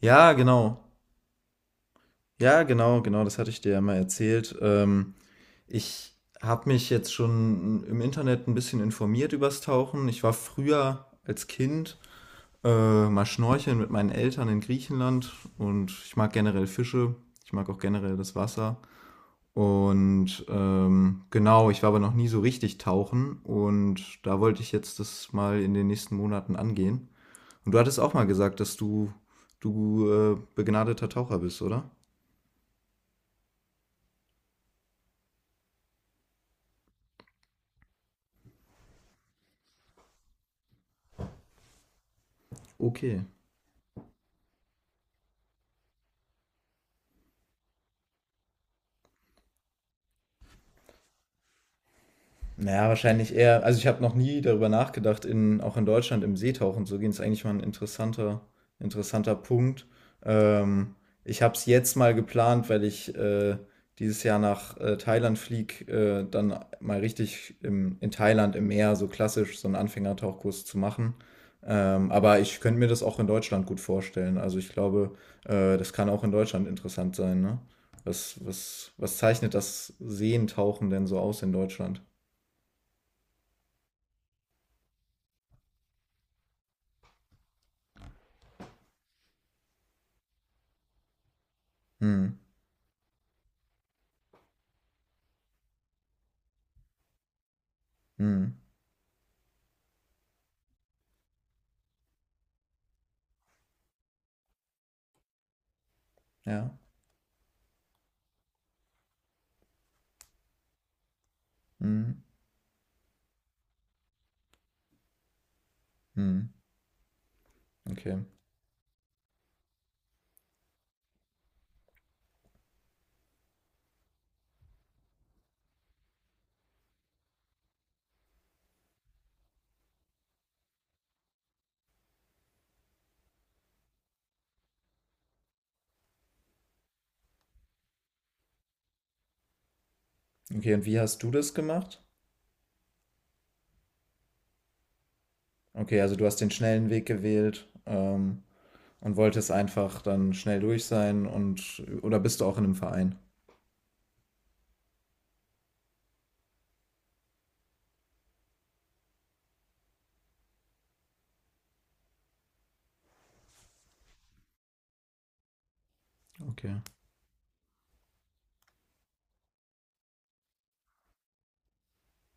Ja, genau. Ja, genau, genau, das hatte ich dir ja mal erzählt. Ich habe mich jetzt schon im Internet ein bisschen informiert übers Tauchen. Ich war früher als Kind mal schnorcheln mit meinen Eltern in Griechenland, und ich mag generell Fische. Ich mag auch generell das Wasser. Und genau, ich war aber noch nie so richtig tauchen, und da wollte ich jetzt das mal in den nächsten Monaten angehen. Und du hattest auch mal gesagt, dass du begnadeter Taucher bist, oder? Auf. Okay. Naja, wahrscheinlich eher. Also ich habe noch nie darüber nachgedacht, auch in Deutschland im Seetauchen zu gehen. Ist eigentlich mal ein interessanter Punkt. Ähm, Ich habe es jetzt mal geplant, weil ich dieses Jahr nach Thailand fliege, dann mal richtig in Thailand im Meer, so klassisch, so einen Anfängertauchkurs zu machen. Aber ich könnte mir das auch in Deutschland gut vorstellen. Also ich glaube, das kann auch in Deutschland interessant sein, ne? Was zeichnet das Seentauchen denn so aus in Deutschland? Mhm. Mhm. Ja. Mhm. Mhm. Okay. Okay, und wie hast du das gemacht? Okay, also du hast den schnellen Weg gewählt, und wolltest einfach dann schnell durch sein, und oder bist du auch in einem Verein? Okay.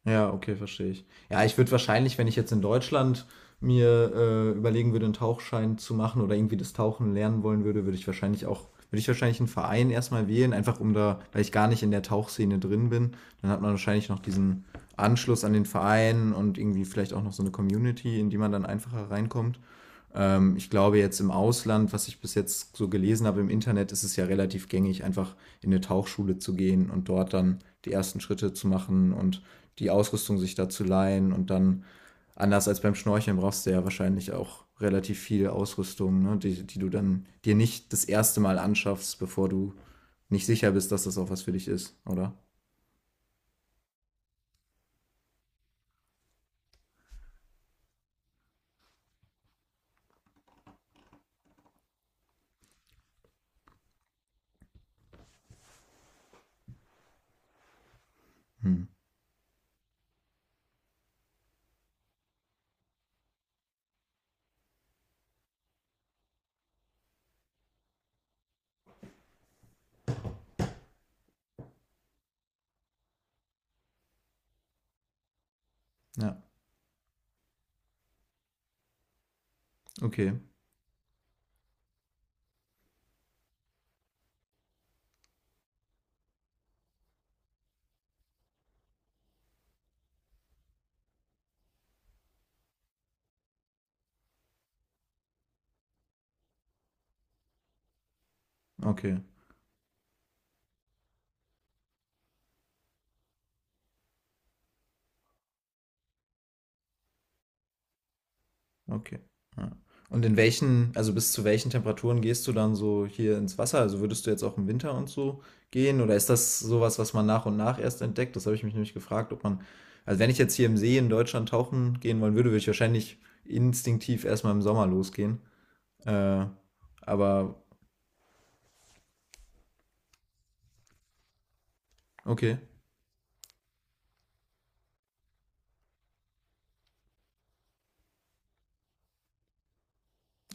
Ja, okay, verstehe ich. Ja, ich würde wahrscheinlich, wenn ich jetzt in Deutschland mir überlegen würde, einen Tauchschein zu machen oder irgendwie das Tauchen lernen wollen würde, würde ich wahrscheinlich einen Verein erstmal wählen, einfach um da, weil ich gar nicht in der Tauchszene drin bin, dann hat man wahrscheinlich noch diesen Anschluss an den Verein und irgendwie vielleicht auch noch so eine Community, in die man dann einfacher reinkommt. Ich glaube jetzt im Ausland, was ich bis jetzt so gelesen habe im Internet, ist es ja relativ gängig, einfach in eine Tauchschule zu gehen und dort dann die ersten Schritte zu machen und die Ausrüstung sich da zu leihen und dann, anders als beim Schnorcheln, brauchst du ja wahrscheinlich auch relativ viel Ausrüstung, ne, die du dann dir nicht das erste Mal anschaffst, bevor du nicht sicher bist, dass das auch was für dich ist, oder? Hm. Ja, okay, okay. Okay. Ja. Und in welchen, also bis zu welchen Temperaturen gehst du dann so hier ins Wasser? Also würdest du jetzt auch im Winter und so gehen? Oder ist das sowas, was man nach und nach erst entdeckt? Das habe ich mich nämlich gefragt, ob man, also wenn ich jetzt hier im See in Deutschland tauchen gehen wollen würde, würde ich wahrscheinlich instinktiv erstmal im Sommer losgehen. Äh, aber okay,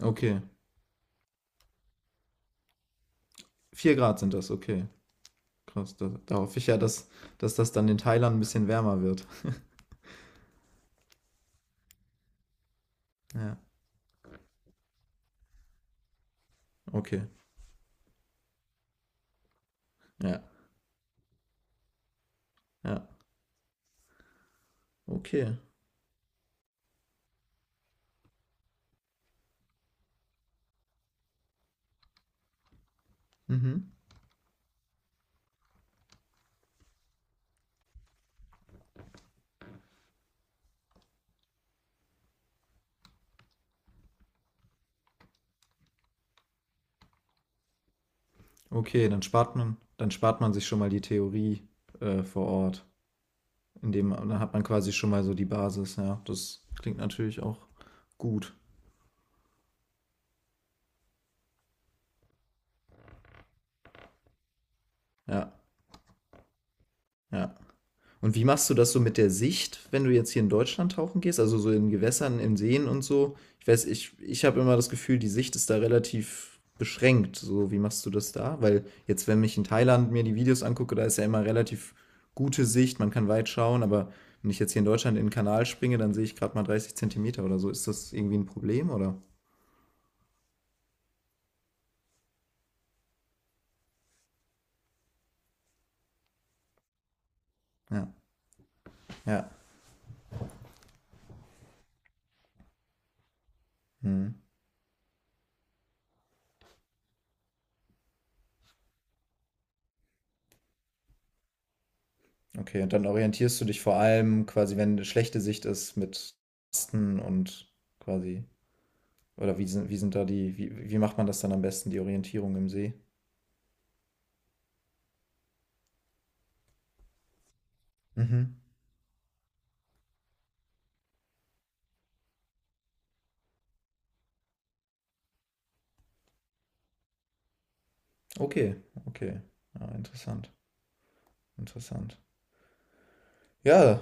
okay. Vier Grad sind das, okay. Krass. Da, da hoffe ich ja, dass, dass das dann in Thailand ein bisschen wärmer wird. Ja, okay. Ja, ja, okay. Mhm. Okay, dann spart man sich schon mal die Theorie vor Ort. Indem, dann hat man quasi schon mal so die Basis, ja. Das klingt natürlich auch gut. Ja, ja. Und wie machst du das so mit der Sicht, wenn du jetzt hier in Deutschland tauchen gehst? Also so in Gewässern, in Seen und so? Ich weiß, ich habe immer das Gefühl, die Sicht ist da relativ beschränkt. So, wie machst du das da? Weil jetzt, wenn ich in Thailand mir die Videos angucke, da ist ja immer relativ gute Sicht, man kann weit schauen, aber wenn ich jetzt hier in Deutschland in den Kanal springe, dann sehe ich gerade mal 30 Zentimeter oder so. Ist das irgendwie ein Problem oder? Ja, ja. Hm. Okay, und dann orientierst du dich vor allem quasi, wenn eine schlechte Sicht ist, mit Tasten und quasi. Oder wie sind da wie macht man das dann am besten, die Orientierung im See? Mhm. Okay, okay. Ja, interessant. Ja,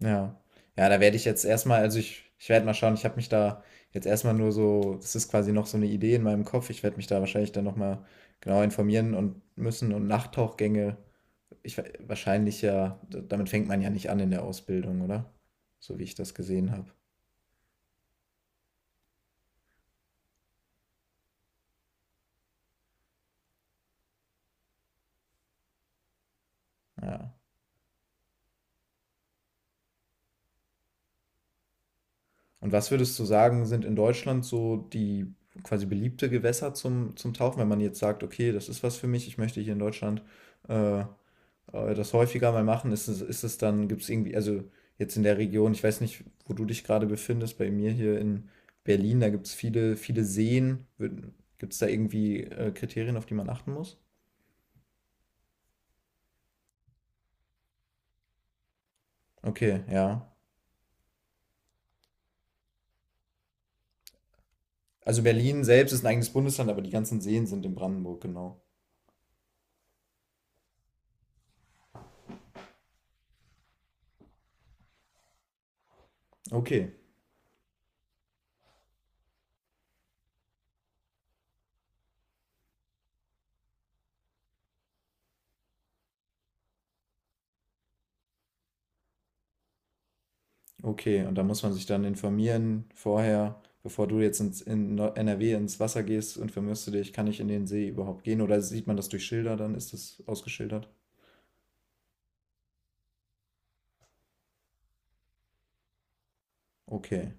ja. Ja, da werde ich jetzt erstmal, also ich werde mal schauen, ich habe mich da jetzt erstmal nur so, das ist quasi noch so eine Idee in meinem Kopf. Ich werde mich da wahrscheinlich dann nochmal genau informieren und müssen und Nachttauchgänge, ich wahrscheinlich ja, damit fängt man ja nicht an in der Ausbildung, oder? So wie ich das gesehen habe. Ja. Und was würdest du sagen, sind in Deutschland so die quasi beliebte Gewässer zum Tauchen, wenn man jetzt sagt, okay, das ist was für mich, ich möchte hier in Deutschland äh, das häufiger mal machen, ist es dann, gibt es irgendwie, also jetzt in der Region, ich weiß nicht, wo du dich gerade befindest, bei mir hier in Berlin, da gibt es viele Seen. Gibt es da irgendwie Kriterien, auf die man achten muss? Okay, ja. Also Berlin selbst ist ein eigenes Bundesland, aber die ganzen Seen sind in Brandenburg, genau. Okay. Okay, und da muss man sich dann informieren vorher, bevor du jetzt in NRW ins Wasser gehst, informierst du dich, kann ich in den See überhaupt gehen? Oder sieht man das durch Schilder, dann ist das ausgeschildert? Okay,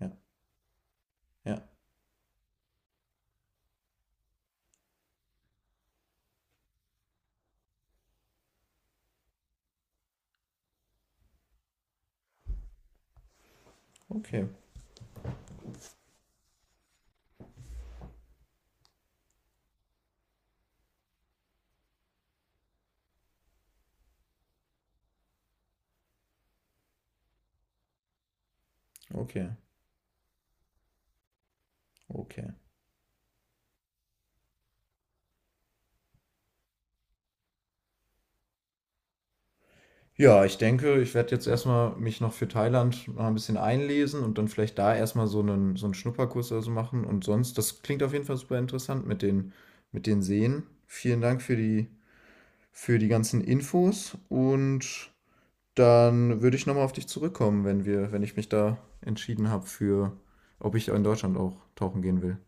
ja, ja, okay, okay, okay. Ja, ich denke, ich werde jetzt erstmal mich noch für Thailand noch ein bisschen einlesen und dann vielleicht da erstmal so so einen Schnupperkurs oder so machen. Und sonst, das klingt auf jeden Fall super interessant mit den Seen. Vielen Dank für die ganzen Infos und. Dann würde ich nochmal auf dich zurückkommen, wenn wir, wenn ich mich da entschieden habe für, ob ich in Deutschland auch tauchen gehen will.